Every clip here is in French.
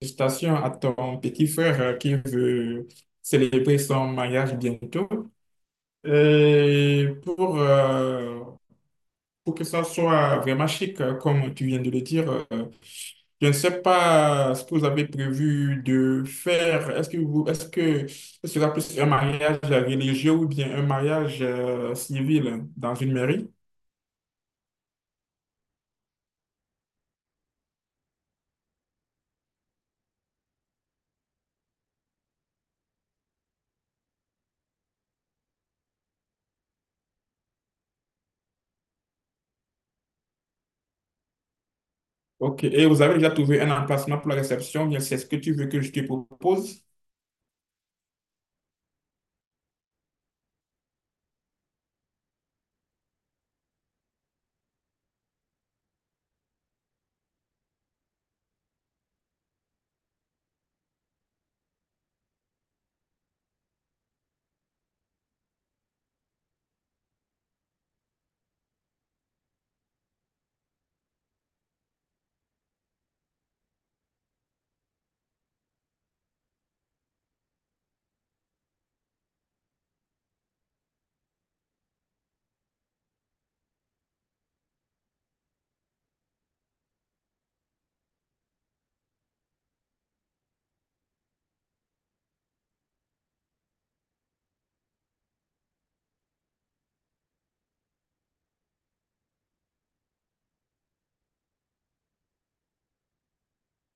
Félicitations à ton petit frère qui veut célébrer son mariage bientôt. Et pour que ça soit vraiment chic, comme tu viens de le dire. Je ne sais pas ce que vous avez prévu de faire. Est-ce que ce sera plus un mariage religieux ou bien un mariage civil dans une mairie? Ok. Et vous avez déjà trouvé un emplacement pour la réception, bien c'est ce que tu veux que je te propose?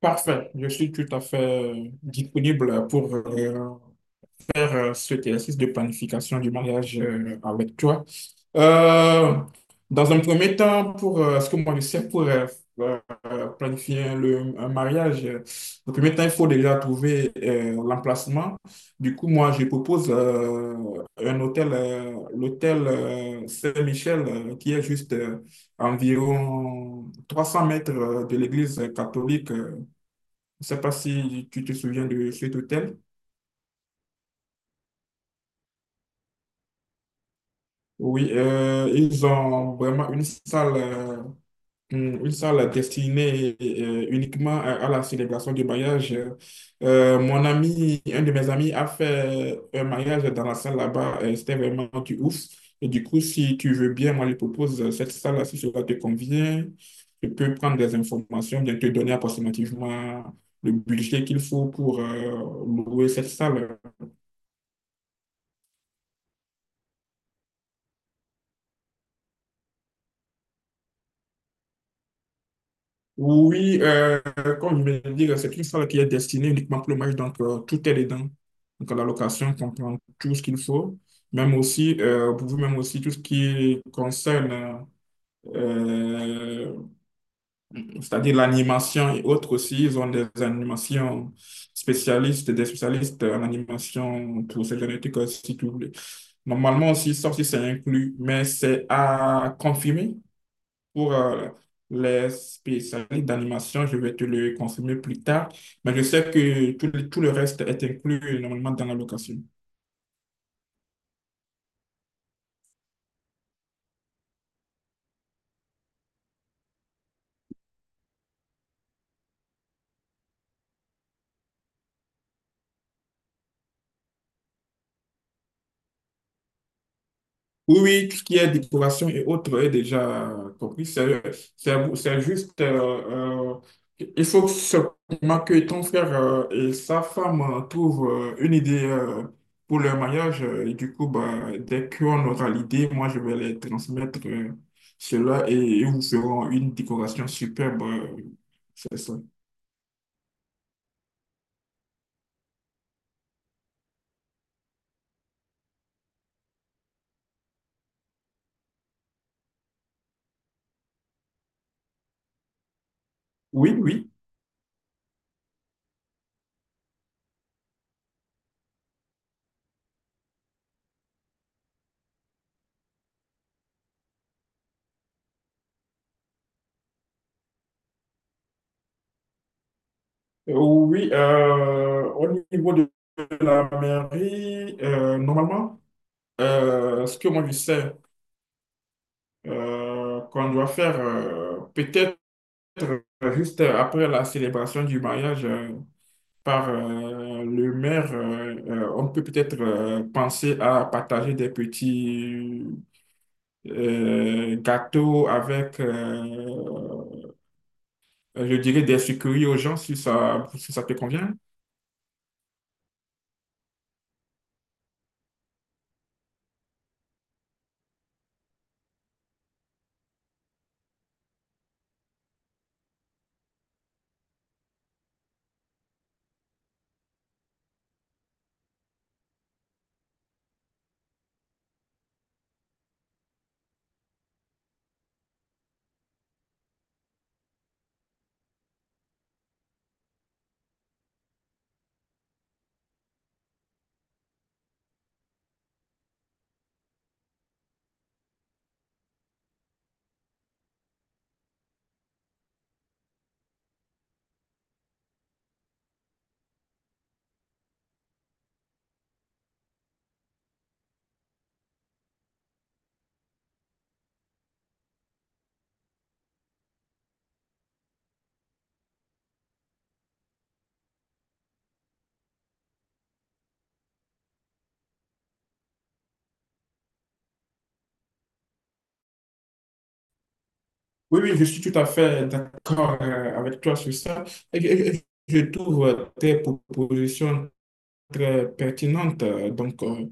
Parfait, je suis tout à fait disponible pour faire cet exercice de planification du mariage avec toi. Euh, dans un premier temps, pour ce que moi je sais pour euh, planifier un mariage, le premier temps, il faut déjà trouver l'emplacement. Du coup, moi, je propose un hôtel, l'hôtel Saint-Michel, qui est juste à environ 300 mètres de l'église catholique. Je ne sais pas si tu te souviens de cet hôtel. Oui, ils ont vraiment une salle, une salle destinée uniquement à la célébration du mariage. Mon ami, un de mes amis a fait un mariage dans la salle là-bas. C'était vraiment du ouf. Et du coup, si tu veux bien, moi, je propose cette salle-là, si cela te convient. Je peux prendre des informations, bien te donner approximativement le budget qu'il faut pour louer cette salle. Oui, comme je viens de dire, c'est une salle qui est destinée uniquement pour le match, donc tout est dedans. Donc la location comprend tout ce qu'il faut, même aussi, pour vous, même aussi tout ce qui concerne, euh, c'est-à-dire l'animation et autres aussi. Ils ont des animations spécialistes, des spécialistes en animation pour ces génétiques, si tu voulez. Normalement aussi, ça aussi c'est inclus, mais c'est à confirmer pour les spécialistes d'animation, je vais te le confirmer plus tard, mais je sais que tout le reste est inclus normalement dans la location. Oui, oui, tout ce qui est décoration et autres est déjà compris. C'est juste, il faut seulement que ton frère et sa femme trouvent une idée pour leur mariage. Et du coup, bah, dès qu'on aura l'idée, moi, je vais les transmettre cela et ils vous feront une décoration superbe. C'est ça. Oui, oui. Oui, au niveau de la mairie, normalement, ce que moi je sais, qu'on doit faire peut-être juste après la célébration du mariage par le maire. On peut peut-être penser à partager des petits gâteaux avec je dirais des sucreries aux gens si ça, si ça te convient. Oui, oui, je suis tout à fait d'accord avec toi sur ça. Et je trouve tes propositions très pertinentes. euh, Donc, euh,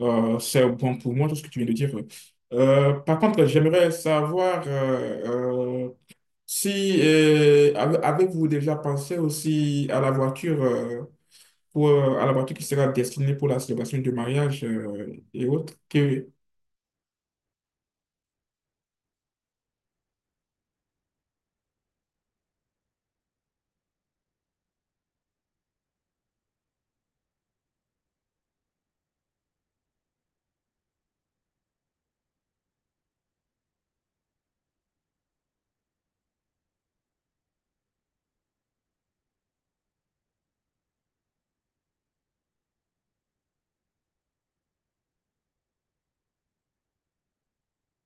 euh, c'est bon pour moi, tout ce que tu viens de dire. Par contre, j'aimerais savoir euh, Si avez-vous déjà pensé aussi à la voiture, à la voiture qui sera destinée pour la célébration du mariage, et autres?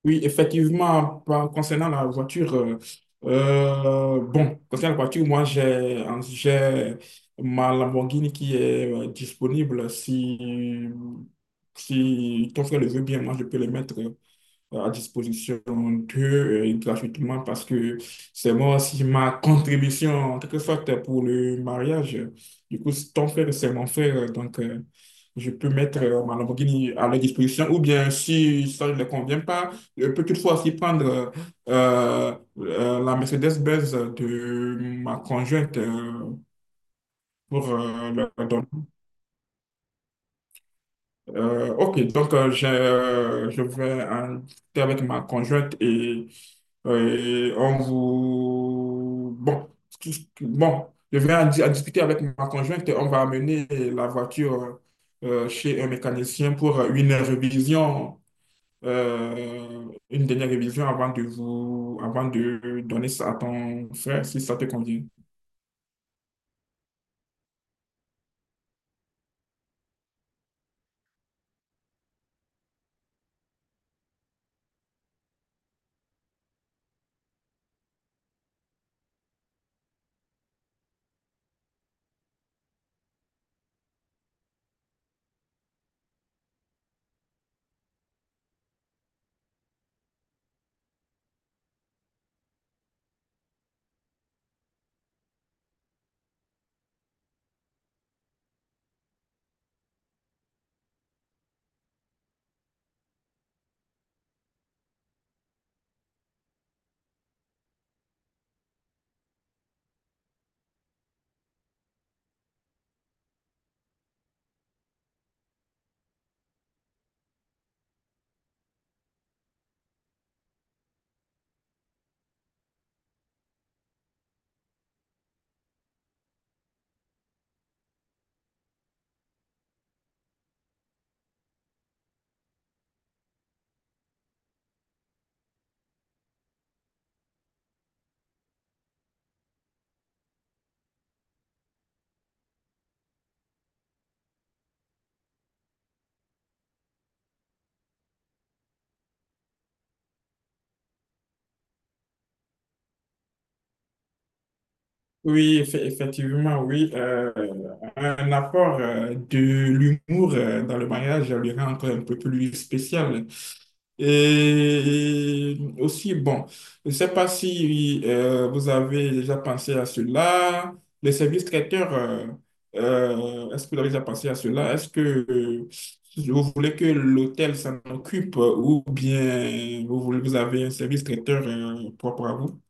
Oui, effectivement, concernant la voiture, concernant la voiture, moi, j'ai ma Lamborghini qui est disponible. Si ton frère le veut bien, moi, je peux le mettre à disposition d'eux gratuitement parce que c'est moi aussi ma contribution en quelque sorte pour le mariage. Du coup, c'est ton frère, c'est mon frère, donc je peux mettre ma Lamborghini à leur disposition ou bien si ça ne leur convient pas, je peux toutefois aussi prendre euh, la Mercedes-Benz de ma conjointe pour leur donner. Ok, donc je vais en discuter avec ma conjointe, et on vous... Bon, je vais en discuter avec ma conjointe et on va amener la voiture chez un mécanicien pour une révision, une dernière révision avant de donner ça à ton frère si ça te convient. Oui, effectivement, oui. Un apport de l'humour dans le mariage le rend encore un peu plus spécial. Et aussi, bon, je ne sais pas si vous avez déjà pensé à cela. Les services traiteurs, est-ce que vous avez déjà pensé à cela? Est-ce que vous voulez que l'hôtel s'en occupe ou bien vous avez un service traiteur propre à vous?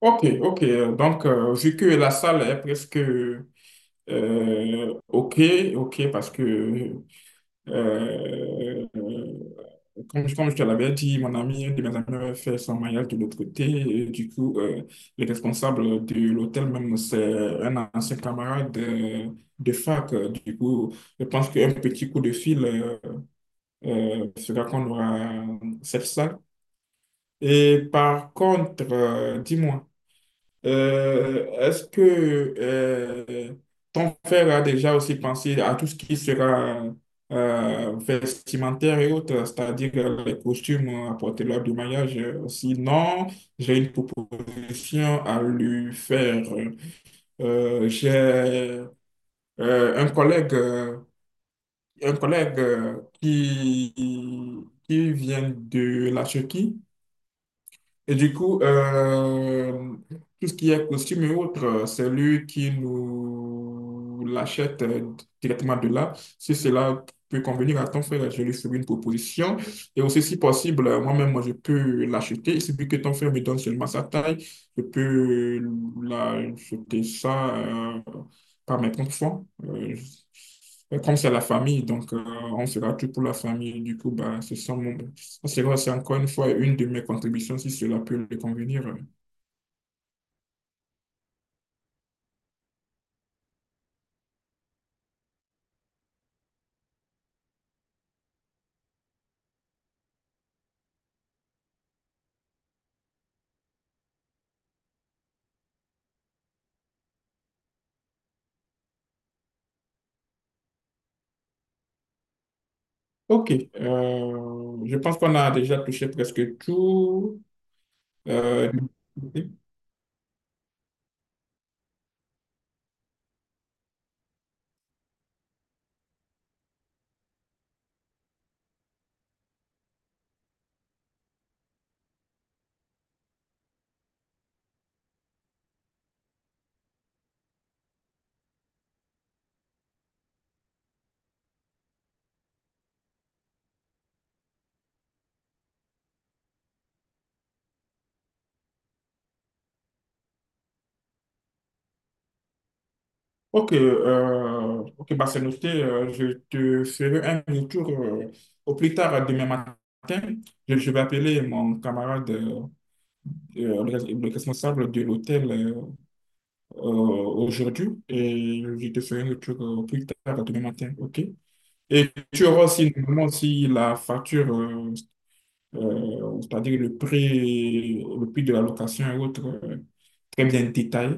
Ok, ok. Donc, vu que la salle est presque... Ok, ok, parce que, euh, comme je te l'avais dit, mon ami, un de mes amis avait fait son mariage de l'autre côté. Et du coup, le responsable de l'hôtel, même, c'est un ancien camarade de fac. Du coup, je pense qu'un petit coup de fil fera qu'on aura cette salle. Et par contre, dis-moi. Est-ce que euh, ton frère a déjà aussi pensé à tout ce qui sera vestimentaire et autres, c'est-à-dire les costumes à porter lors du mariage? Sinon, j'ai une proposition à lui faire. J'ai un collègue, euh, un collègue qui vient de la Turquie. Et du coup, tout ce qui est costume et autres, c'est lui qui nous l'achète directement de là. Si cela peut convenir à ton frère, je lui ferai une proposition. Et aussi, si possible, moi-même, moi, je peux l'acheter. Il suffit que ton frère me donne seulement sa taille. Je peux l'acheter ça. Par mes propres fois. Comme c'est la famille, donc on fera tout pour la famille. Du coup, bah, ce sont mon- ça sera, c'est encore une fois une de mes contributions si cela peut lui convenir. Ok, je pense qu'on a déjà touché presque tout. Euh, ok, bah c'est noté. Je te ferai un retour au plus tard demain matin. Je vais appeler mon camarade, le responsable de l'hôtel. Aujourd'hui et je te ferai le truc plus tard demain matin, ok? Et tu auras aussi normalement aussi la facture, c'est-à-dire le prix de la location et autres, très bien détaillé.